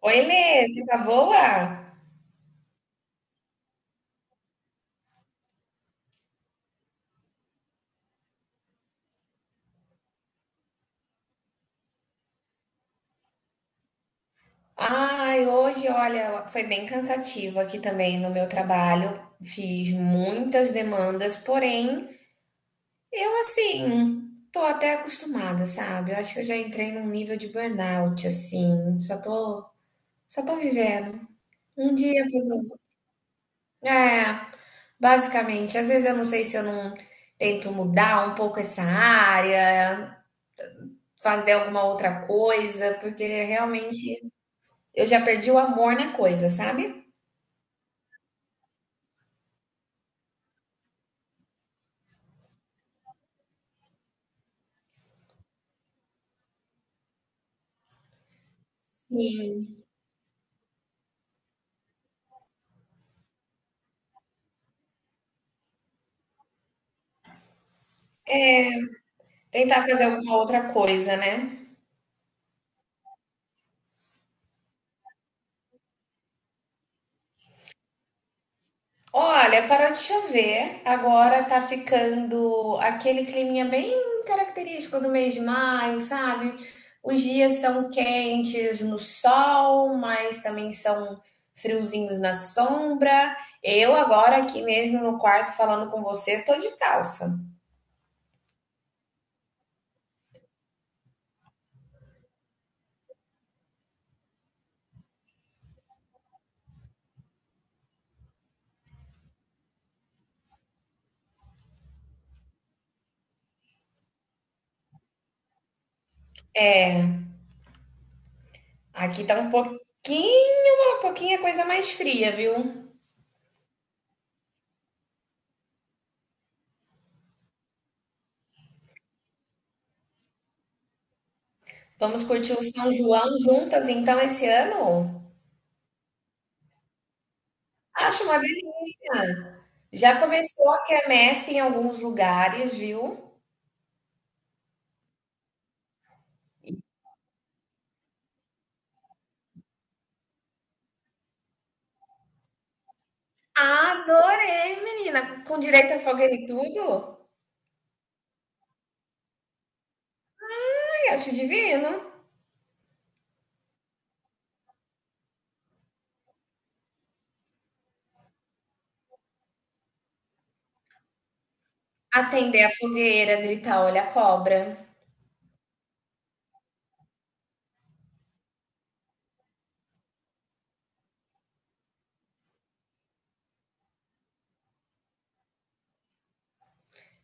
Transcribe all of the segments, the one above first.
Oi, Lê, você tá boa? Ai, hoje, olha, foi bem cansativo aqui também no meu trabalho. Fiz muitas demandas, porém, eu assim, tô até acostumada, sabe? Eu acho que eu já entrei num nível de burnout, assim, só tô vivendo. Um dia após o outro. É, basicamente, às vezes eu não sei se eu não tento mudar um pouco essa área, fazer alguma outra coisa, porque realmente eu já perdi o amor na coisa, sabe? Sim. Tentar fazer alguma outra coisa, né? Olha, parou de chover, agora tá ficando aquele climinha bem característico do mês de maio, sabe? Os dias são quentes no sol, mas também são friozinhos na sombra. Eu agora aqui mesmo no quarto falando com você, tô de calça. Aqui tá um pouquinho, uma pouquinha coisa mais fria, viu? Vamos curtir o São João juntas então esse ano? Acho uma delícia. Já começou a quermesse em alguns lugares, viu? Adorei, menina, com direito a fogueira e tudo. Ai, acho divino. Acender a fogueira, gritar, olha a cobra.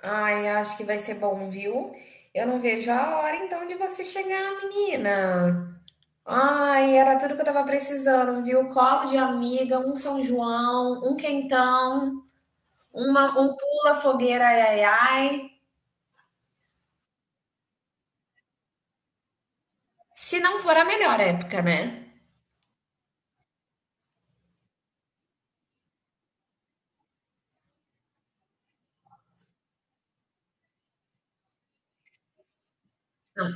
Ai, acho que vai ser bom, viu? Eu não vejo a hora então de você chegar, menina. Ai, era tudo que eu tava precisando, viu? Colo de amiga, um São João, um quentão. Uma, um pula fogueira, ai, ai, ai. Se não for a melhor época, né? Não,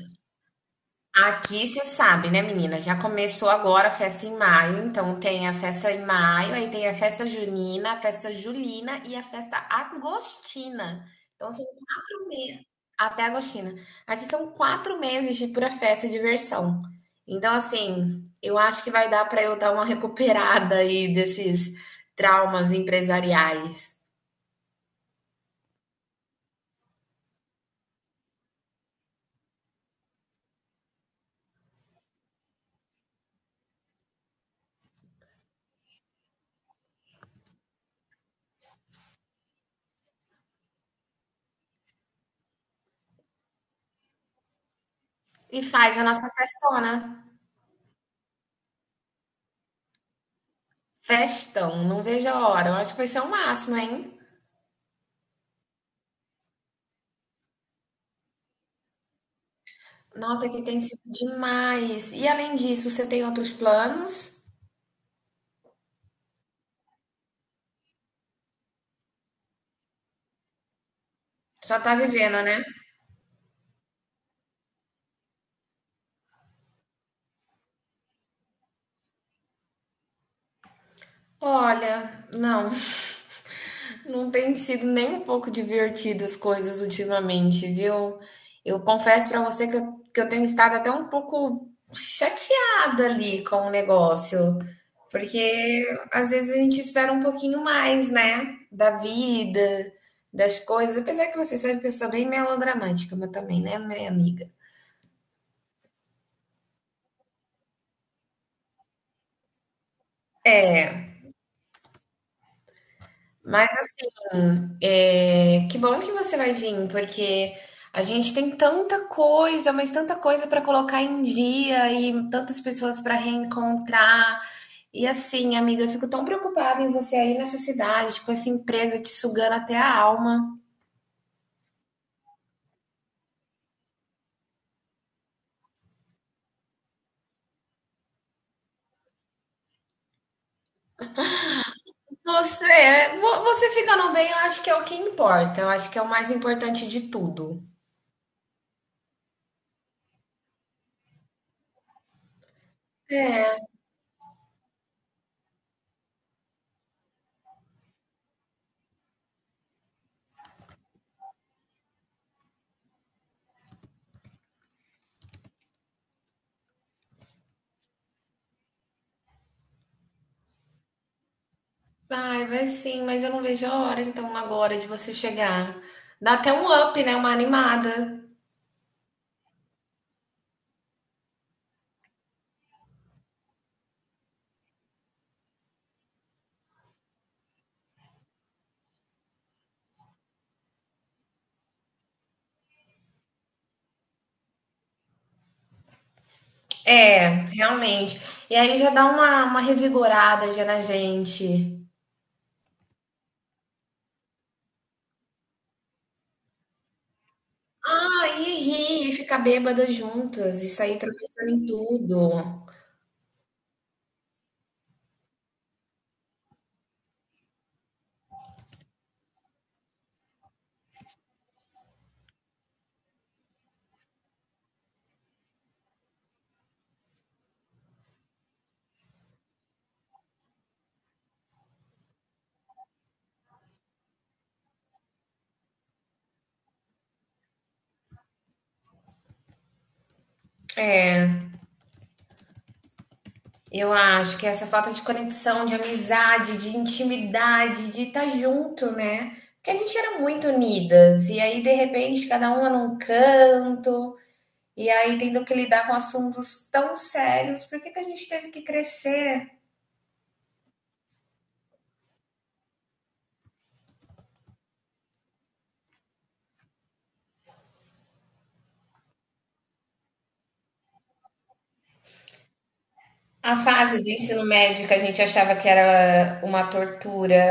aqui você sabe, né, menina? Já começou agora a festa em maio, então tem a festa em maio, aí tem a festa junina, a festa julina e a festa agostina. Então são quatro meses, até agostina. Aqui são quatro meses de pura festa e diversão. Então, assim, eu acho que vai dar para eu dar uma recuperada aí desses traumas empresariais. E faz a nossa festona. Festão, não vejo a hora. Eu acho que vai ser o máximo, hein? Nossa, aqui tem sido demais. E além disso, você tem outros planos? Só tá vivendo, né? Olha, não. Não tem sido nem um pouco divertido as coisas ultimamente, viu? Eu confesso pra você que eu tenho estado até um pouco chateada ali com o negócio, porque às vezes a gente espera um pouquinho mais, né? Da vida, das coisas. Apesar que você sabe que eu sou bem melodramática, mas também, né, minha amiga? É. Mas assim, é, que bom que você vai vir, porque a gente tem tanta coisa, mas tanta coisa para colocar em dia e tantas pessoas para reencontrar. E assim, amiga, eu fico tão preocupada em você aí nessa cidade, com essa empresa te sugando até a alma. Você, Você ficando bem, eu acho que é o que importa. Eu acho que é o mais importante de tudo. É, ai, vai sim, mas eu não vejo a hora então agora de você chegar. Dá até um up, né? Uma animada. É, realmente. E aí já dá uma revigorada já na gente. Ah, e rir, e ficar bêbada juntas, e sair tropeçando em tudo. Eu acho que essa falta de conexão, de amizade, de intimidade, de estar junto, né. Porque a gente era muito unidas, e aí de repente cada uma num canto, e aí tendo que lidar com assuntos tão sérios, por que que a gente teve que crescer? A fase do ensino médio que a gente achava que era uma tortura.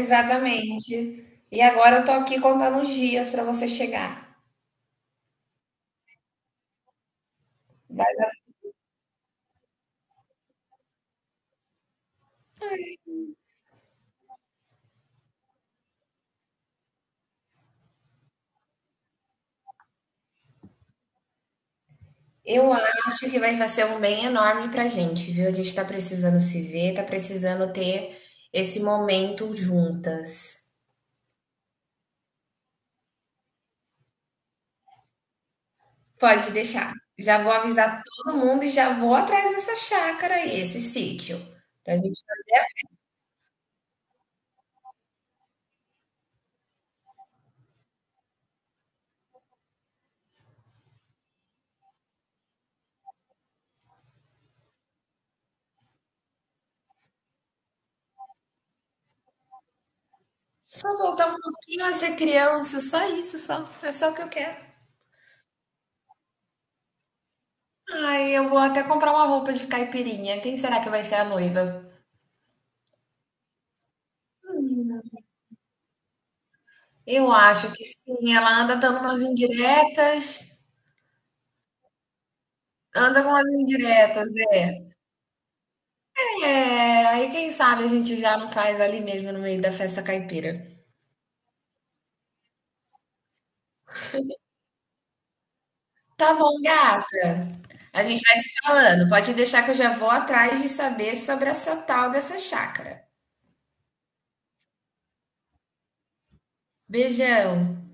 Exatamente. E agora eu tô aqui contando os dias para você chegar. Vai- Eu acho que vai fazer um bem enorme pra gente, viu? A gente tá precisando se ver, tá precisando ter esse momento juntas. Pode deixar. Já vou avisar todo mundo e já vou atrás dessa chácara aí, esse sítio. Pra gente só voltar um pouquinho a ser criança, só isso, só. É só o que eu quero. Ai, eu vou até comprar uma roupa de caipirinha. Quem será que vai ser a noiva? Menina. Eu acho que sim. Ela anda dando umas indiretas. Anda com umas indiretas, é. É, aí quem sabe a gente já não faz ali mesmo no meio da festa caipira. Tá bom, gata. A gente vai se falando. Pode deixar que eu já vou atrás de saber sobre essa tal dessa chácara. Beijão.